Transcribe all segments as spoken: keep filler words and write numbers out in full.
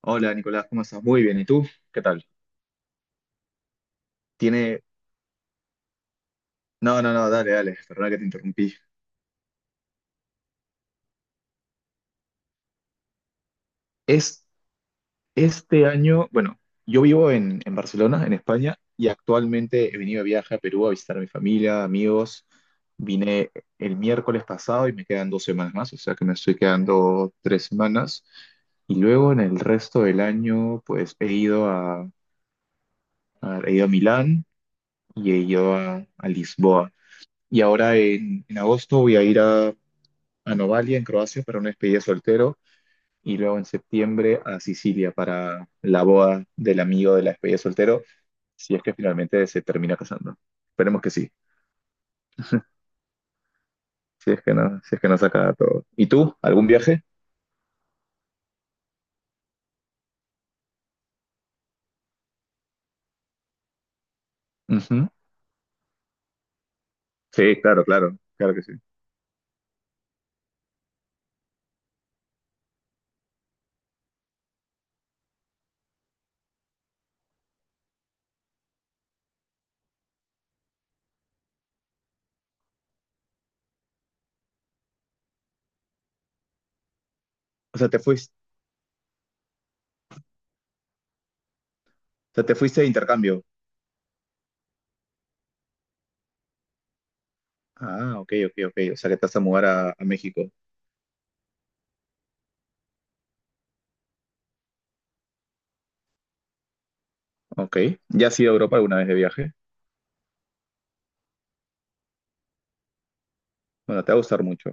Hola Nicolás, ¿cómo estás? Muy bien, ¿y tú? ¿Qué tal? Tiene... No, no, no, dale, dale, perdona que te interrumpí. Es Este año, bueno, yo vivo en, en Barcelona, en España, y actualmente he venido de viaje a Perú a visitar a mi familia, amigos. Vine el miércoles pasado y me quedan dos semanas más, o sea que me estoy quedando tres semanas. Y luego en el resto del año, pues he ido a, a- he ido a Milán y he ido a, a Lisboa. Y ahora en, en agosto voy a ir a, a Novalia en Croacia para una despedida de soltero, y luego en septiembre a Sicilia para la boda del amigo de la despedida de soltero, si es que finalmente se termina casando. Esperemos que sí, si es que no, si es que no saca todo. ¿Y tú? ¿Algún viaje? Ujú. Sí, claro, claro, claro que sí. O sea, te fuiste, o sea, te fuiste de intercambio. Ah, ok, ok, ok. O sea, que te vas a mudar a, a México. Ok. ¿Ya has ido a Europa alguna vez de viaje? Bueno, te va a gustar mucho.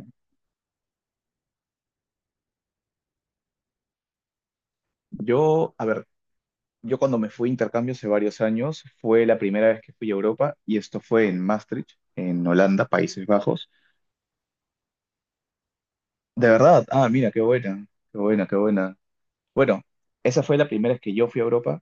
Yo, a ver, yo cuando me fui a intercambio hace varios años, fue la primera vez que fui a Europa, y esto fue en Maastricht, en Holanda, Países Bajos. De verdad, ah, mira, qué buena, qué buena, qué buena. Bueno, esa fue la primera vez que yo fui a Europa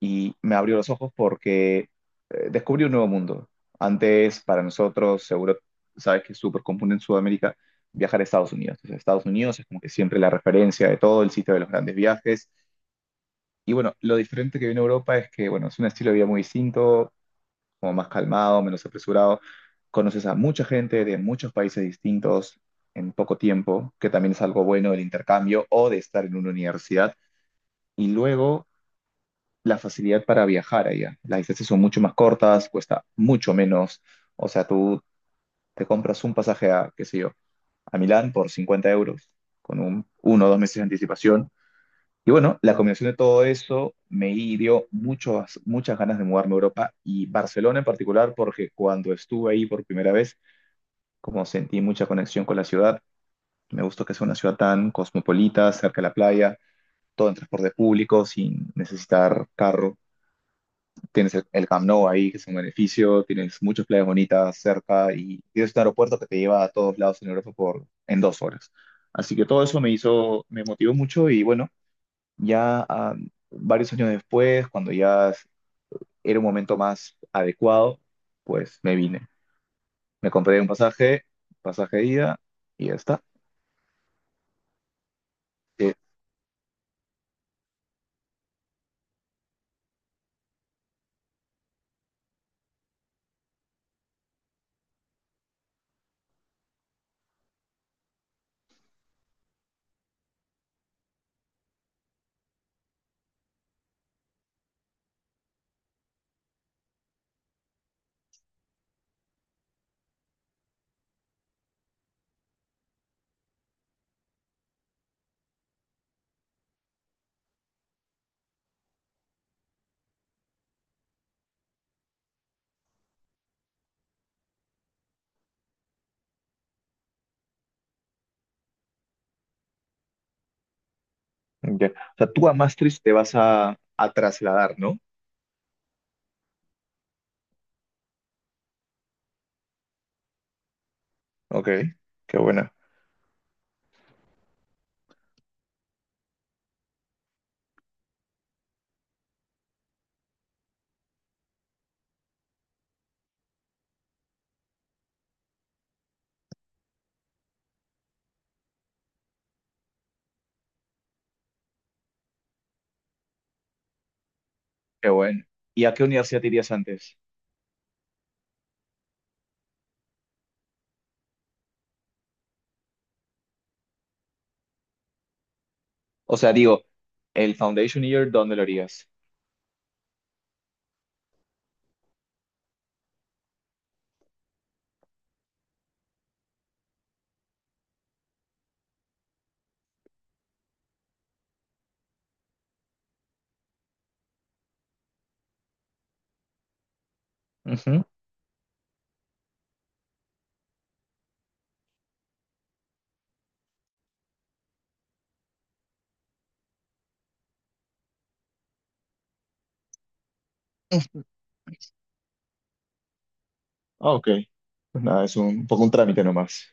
y me abrió los ojos porque eh, descubrí un nuevo mundo. Antes, para nosotros, seguro sabes que es súper común en Sudamérica viajar a Estados Unidos. Entonces, Estados Unidos es como que siempre la referencia de todo, el sitio de los grandes viajes. Y bueno, lo diferente que viene a Europa es que, bueno, es un estilo de vida muy distinto, como más calmado, menos apresurado. Conoces a mucha gente de muchos países distintos en poco tiempo, que también es algo bueno del intercambio o de estar en una universidad. Y luego la facilidad para viajar allá. Las distancias son mucho más cortas, cuesta mucho menos. O sea, tú te compras un pasaje a, qué sé yo, a Milán por cincuenta euros, con un, uno o dos meses de anticipación, y bueno, la combinación de todo eso me dio muchas muchas ganas de mudarme a Europa y Barcelona en particular, porque cuando estuve ahí por primera vez, como sentí mucha conexión con la ciudad, me gustó que sea una ciudad tan cosmopolita, cerca de la playa, todo en transporte público, sin necesitar carro. Tienes el, el Camp Nou ahí, que es un beneficio, tienes muchas playas bonitas cerca y tienes un aeropuerto que te lleva a todos lados en Europa por, en dos horas. Así que todo eso me hizo, me motivó mucho y bueno, ya ah, varios años después, cuando ya era un momento más adecuado, pues me vine. Me compré un pasaje, pasaje de ida y ya está. Eh, ya. O sea, tú a Maastricht te vas a, a trasladar, ¿no? Ok, qué buena. Qué bueno. ¿Y a qué universidad te irías antes? O sea, digo, el Foundation Year, ¿dónde lo harías? Ujú. Ah, ok. Pues nada, es un, poco un trámite nomás.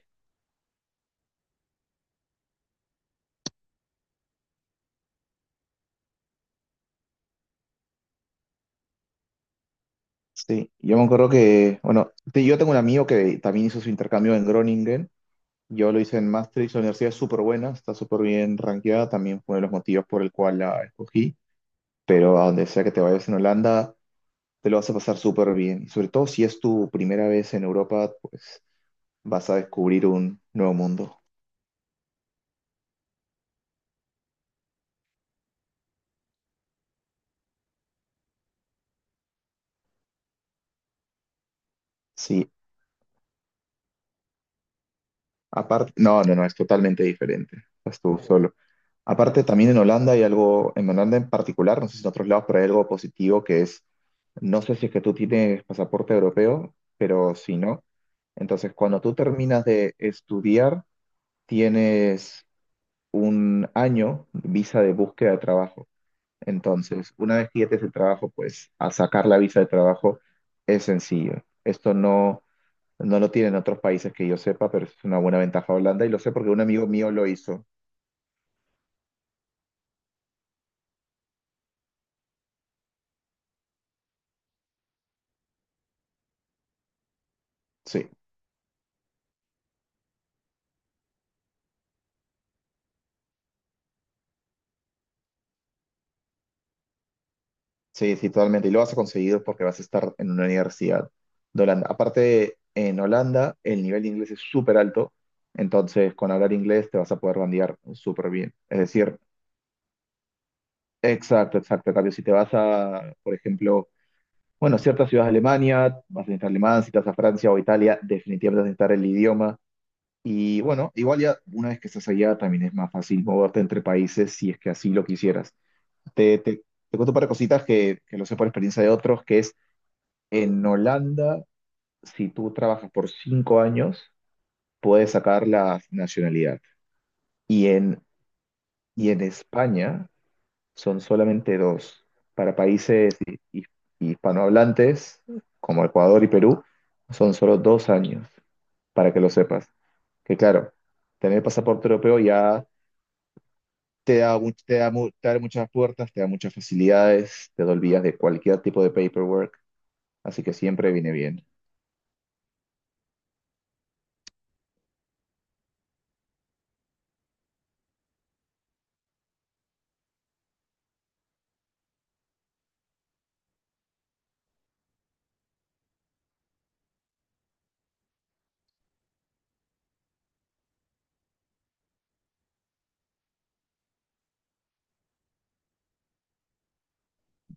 Sí, yo me acuerdo que, bueno, te- yo tengo un amigo que también hizo su intercambio en Groningen. Yo lo hice en Maastricht, la universidad es súper buena, está súper bien rankeada, también fue uno de los motivos por el cual la escogí, pero a donde sea que te vayas en Holanda, te lo vas a pasar súper bien. Y sobre todo si es tu primera vez en Europa, pues vas a descubrir un nuevo mundo. Sí, aparte, no, no, no, es totalmente diferente. Estás tú solo. Aparte, también en Holanda hay algo, en Holanda en particular, no sé si en otros lados, pero hay algo positivo que es, no sé si es que tú tienes pasaporte europeo, pero si no, entonces cuando tú terminas de estudiar, tienes un año de visa de búsqueda de trabajo. Entonces, una vez que ya tienes el trabajo, pues a sacar la visa de trabajo es sencillo. Esto no no lo tienen otros países que yo sepa, pero es una buena ventaja Holanda y lo sé porque un amigo mío lo hizo. Sí, sí, sí, totalmente. Y lo vas a conseguir porque vas a estar en una universidad de Holanda. Aparte, en Holanda el nivel de inglés es súper alto, entonces con hablar inglés te vas a poder bandear súper bien. Es decir, exacto, exacto. En cambio, si te vas a, por ejemplo, bueno, ciertas ciudades de Alemania, vas a necesitar alemán, si te vas a Francia o Italia, definitivamente vas a necesitar el idioma. Y bueno, igual ya una vez que estás allá también es más fácil moverte entre países si es que así lo quisieras. Te, te, Te cuento un par de cositas que, que lo sé por experiencia de otros, que es en Holanda, si tú trabajas por cinco años, puedes sacar la nacionalidad. Y en, y en España son solamente dos. Para países hi- hi- hispanohablantes, como Ecuador y Perú, son solo dos años, para que lo sepas. Que claro, tener pasaporte europeo ya te da, mu- te da, mu- te abre muchas puertas, te da muchas facilidades, te olvidas de cualquier tipo de paperwork, así que siempre viene bien.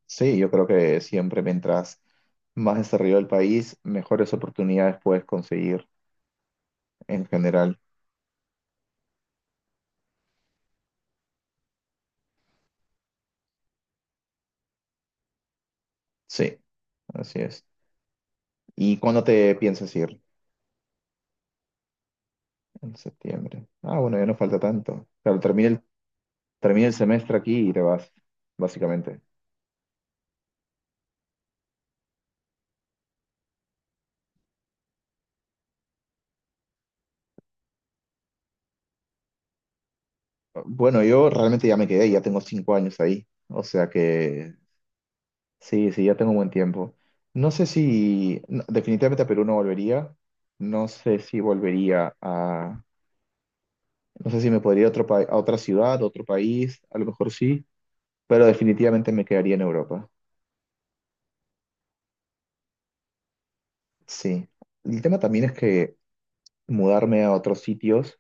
Sí, yo creo que siempre mientras más desarrollado el país, mejores oportunidades puedes conseguir en general. Sí, así es. ¿Y cuándo te piensas ir? En septiembre. Ah, bueno, ya no falta tanto. Claro, termina el, termina el semestre aquí y te vas, básicamente. Bueno, yo realmente ya me quedé, ya tengo cinco años ahí. O sea que sí, sí, ya tengo un buen tiempo. No sé si, no, definitivamente a Perú no volvería. No sé si volvería a, no sé si me podría ir a otro pa- a otra ciudad, a otro país, a lo mejor sí, pero definitivamente me quedaría en Europa. Sí. El tema también es que mudarme a otros sitios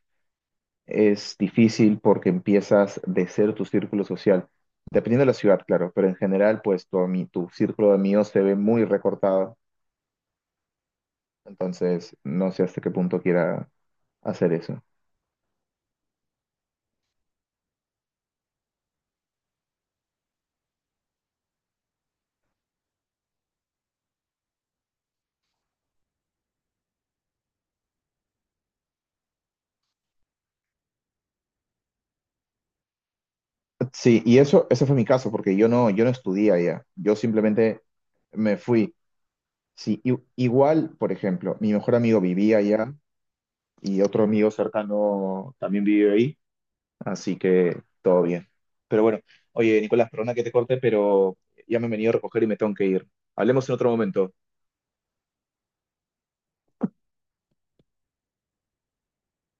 es difícil porque empiezas de cero tu círculo social, dependiendo de la ciudad, claro, pero en general, pues tu, ami- tu círculo de amigos se ve muy recortado, entonces no sé hasta qué punto quiera hacer eso. Sí, y eso, ese fue mi caso, porque yo no, yo no estudié allá, yo simplemente me fui. Sí, i- igual, por ejemplo, mi mejor amigo vivía allá y otro amigo cercano también vive ahí. Así que todo bien. Pero bueno, oye, Nicolás, perdona que te corte, pero ya me han venido a recoger y me tengo que ir. Hablemos en otro momento.